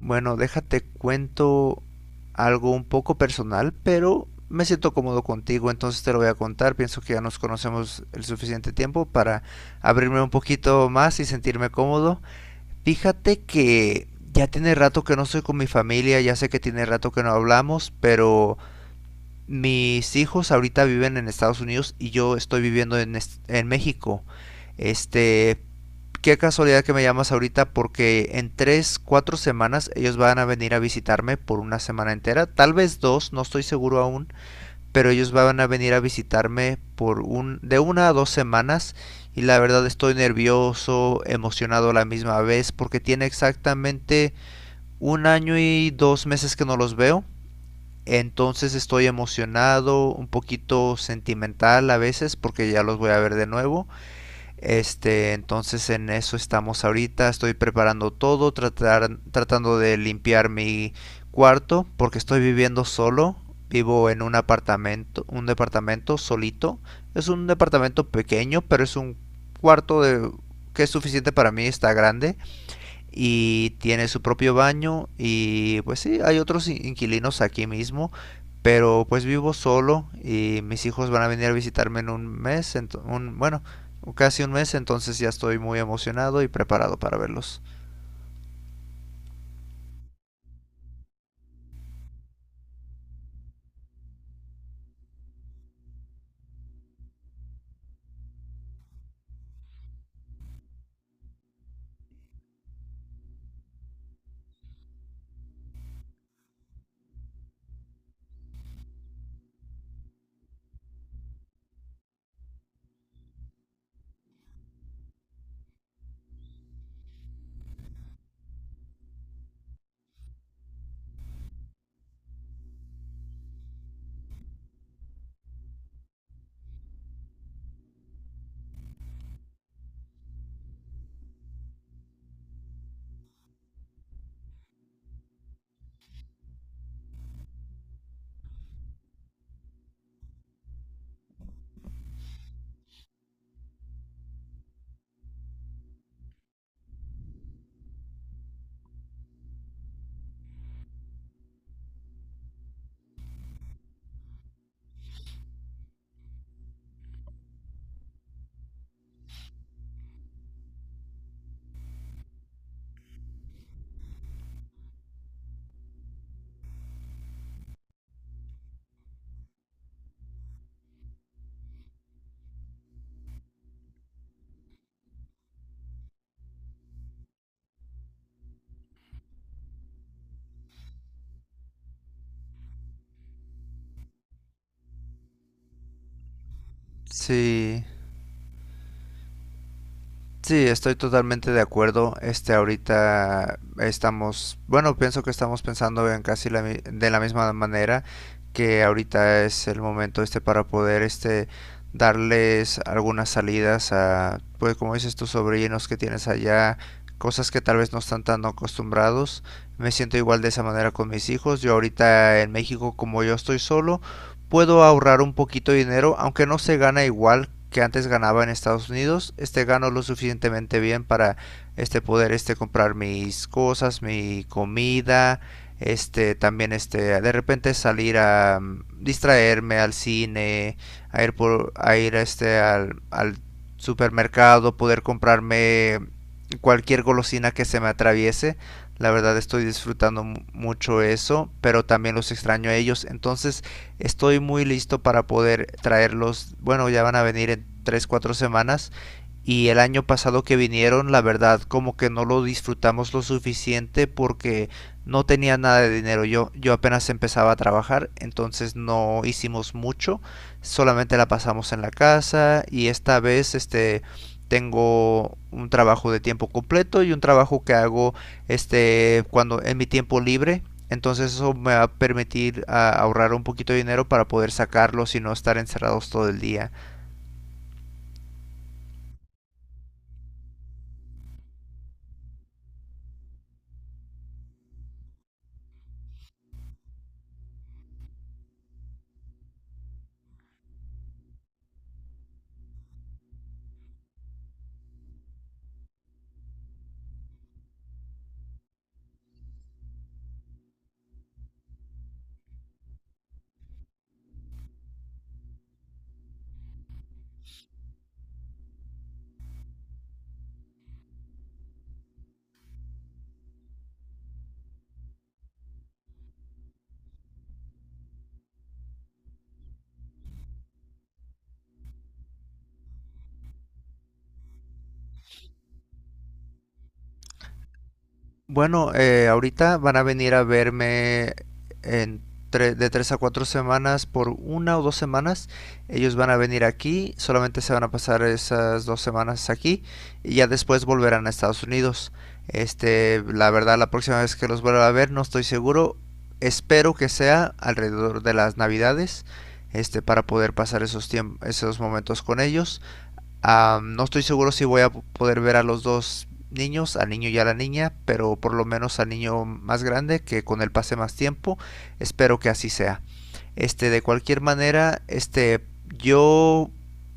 Bueno, déjate cuento algo un poco personal, pero me siento cómodo contigo, entonces te lo voy a contar. Pienso que ya nos conocemos el suficiente tiempo para abrirme un poquito más y sentirme cómodo. Fíjate que ya tiene rato que no estoy con mi familia, ya sé que tiene rato que no hablamos, pero mis hijos ahorita viven en Estados Unidos y yo estoy viviendo en, en México. Este, Qué casualidad que me llamas ahorita porque en 3, 4 semanas ellos van a venir a visitarme por una semana entera, tal vez dos, no estoy seguro aún, pero ellos van a venir a visitarme por un de una a 2 semanas y la verdad estoy nervioso, emocionado a la misma vez porque tiene exactamente un año y 2 meses que no los veo. Entonces estoy emocionado, un poquito sentimental a veces porque ya los voy a ver de nuevo, entonces en eso estamos ahorita. Estoy preparando todo, tratando de limpiar mi cuarto porque estoy viviendo solo. Vivo en un apartamento, un departamento solito. Es un departamento pequeño, pero es un cuarto de, que es suficiente para mí, está grande y tiene su propio baño. Y pues sí, hay otros inquilinos aquí mismo, pero pues vivo solo y mis hijos van a venir a visitarme en un mes, en un, bueno, casi un mes, entonces ya estoy muy emocionado y preparado para verlos. Sí, sí, estoy totalmente de acuerdo. Ahorita estamos, bueno, pienso que estamos pensando en casi de la misma manera, que ahorita es el momento para poder darles algunas salidas a, pues como dices, tus sobrinos que tienes allá, cosas que tal vez no están tan acostumbrados. Me siento igual de esa manera con mis hijos. Yo ahorita en México, como yo estoy solo, puedo ahorrar un poquito de dinero, aunque no se gana igual que antes ganaba en Estados Unidos. Gano lo suficientemente bien para poder comprar mis cosas, mi comida, también de repente salir a distraerme al cine, a ir al supermercado, poder comprarme cualquier golosina que se me atraviese. La verdad estoy disfrutando mucho eso, pero también los extraño a ellos. Entonces, estoy muy listo para poder traerlos. Bueno, ya van a venir en 3, 4 semanas y el año pasado que vinieron, la verdad, como que no lo disfrutamos lo suficiente porque no tenía nada de dinero. Yo apenas empezaba a trabajar, entonces no hicimos mucho, solamente la pasamos en la casa. Y esta vez tengo un trabajo de tiempo completo y un trabajo que hago cuando en mi tiempo libre, entonces eso me va a permitir ahorrar un poquito de dinero para poder sacarlo y no estar encerrados todo el día. Bueno, ahorita van a venir a verme en de 3 a 4 semanas, por una o 2 semanas. Ellos van a venir aquí, solamente se van a pasar esas 2 semanas aquí y ya después volverán a Estados Unidos. La verdad, la próxima vez que los vuelva a ver, no estoy seguro. Espero que sea alrededor de las Navidades, para poder pasar esos tiempos, esos momentos con ellos. Ah, no estoy seguro si voy a poder ver a los dos niños, al niño y a la niña, pero por lo menos al niño más grande, que con él pase más tiempo, espero que así sea. De cualquier manera, yo,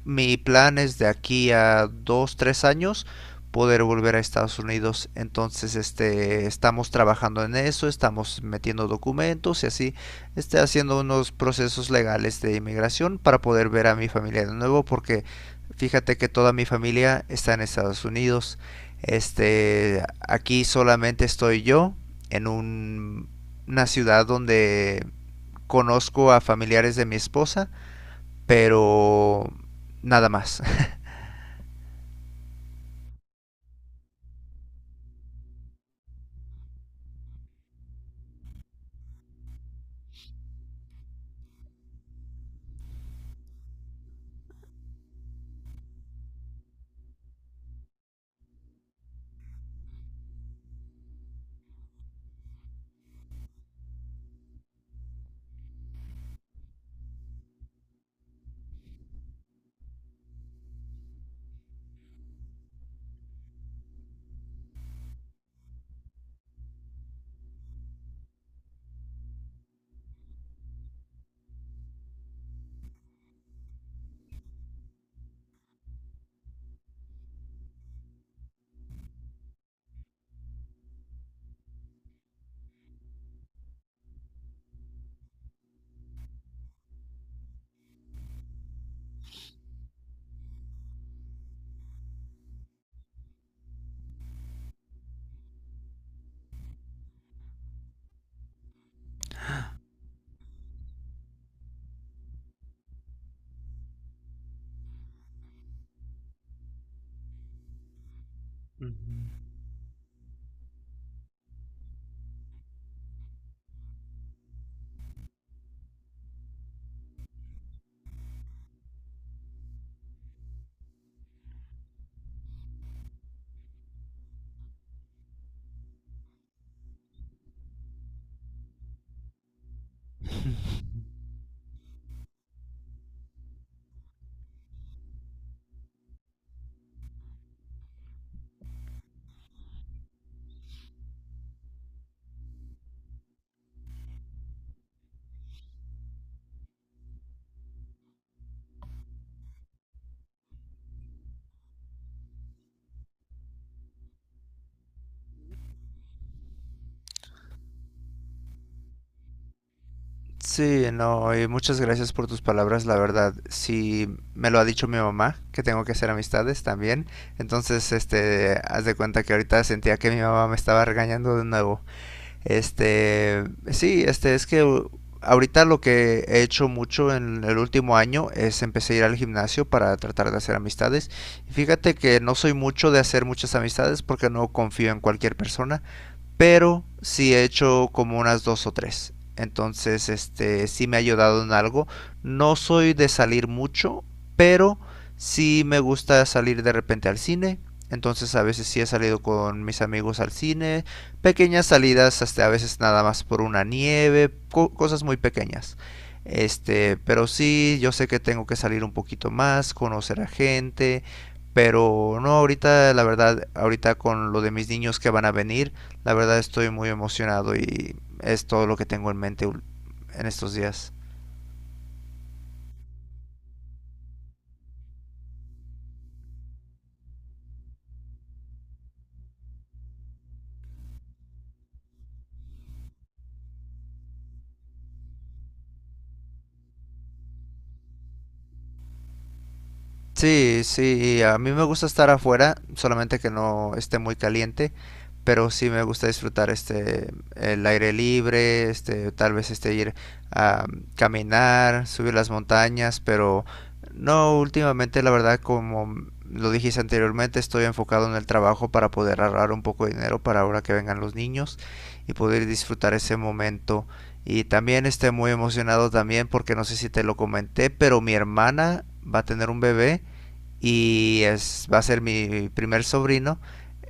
mi plan es de aquí a 2, 3 años poder volver a Estados Unidos. Entonces, estamos trabajando en eso, estamos metiendo documentos y así, haciendo unos procesos legales de inmigración para poder ver a mi familia de nuevo, porque fíjate que toda mi familia está en Estados Unidos. Aquí solamente estoy yo en una ciudad donde conozco a familiares de mi esposa, pero nada más. Sí, no, y muchas gracias por tus palabras, la verdad. Sí, me lo ha dicho mi mamá, que tengo que hacer amistades también. Entonces, haz de cuenta que ahorita sentía que mi mamá me estaba regañando de nuevo. Este, sí, es que, ahorita lo que he hecho mucho en el último año es empecé a ir al gimnasio para tratar de hacer amistades. Y fíjate que no soy mucho de hacer muchas amistades porque no confío en cualquier persona, pero sí he hecho como unas dos o tres. Entonces, sí me ha ayudado en algo. No soy de salir mucho, pero sí me gusta salir de repente al cine. Entonces, a veces sí he salido con mis amigos al cine. Pequeñas salidas, hasta a veces nada más por una nieve, cosas muy pequeñas. Pero sí, yo sé que tengo que salir un poquito más, conocer a gente, pero no ahorita, la verdad, ahorita con lo de mis niños que van a venir, la verdad estoy muy emocionado y es todo lo que tengo en mente en estos días. Sí, sí, a mí me gusta estar afuera, solamente que no esté muy caliente, pero sí me gusta disfrutar el aire libre, tal vez ir a caminar, subir las montañas, pero no últimamente, la verdad, como lo dijiste anteriormente, estoy enfocado en el trabajo para poder ahorrar un poco de dinero para ahora que vengan los niños y poder disfrutar ese momento. Y también estoy muy emocionado también porque no sé si te lo comenté, pero mi hermana va a tener un bebé y es, va a ser mi primer sobrino.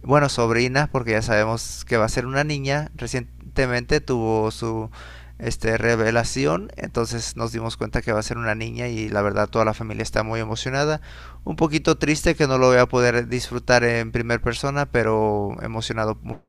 Bueno, sobrina, porque ya sabemos que va a ser una niña. Recientemente tuvo su revelación, entonces nos dimos cuenta que va a ser una niña y la verdad toda la familia está muy emocionada. Un poquito triste que no lo voy a poder disfrutar en primera persona, pero emocionado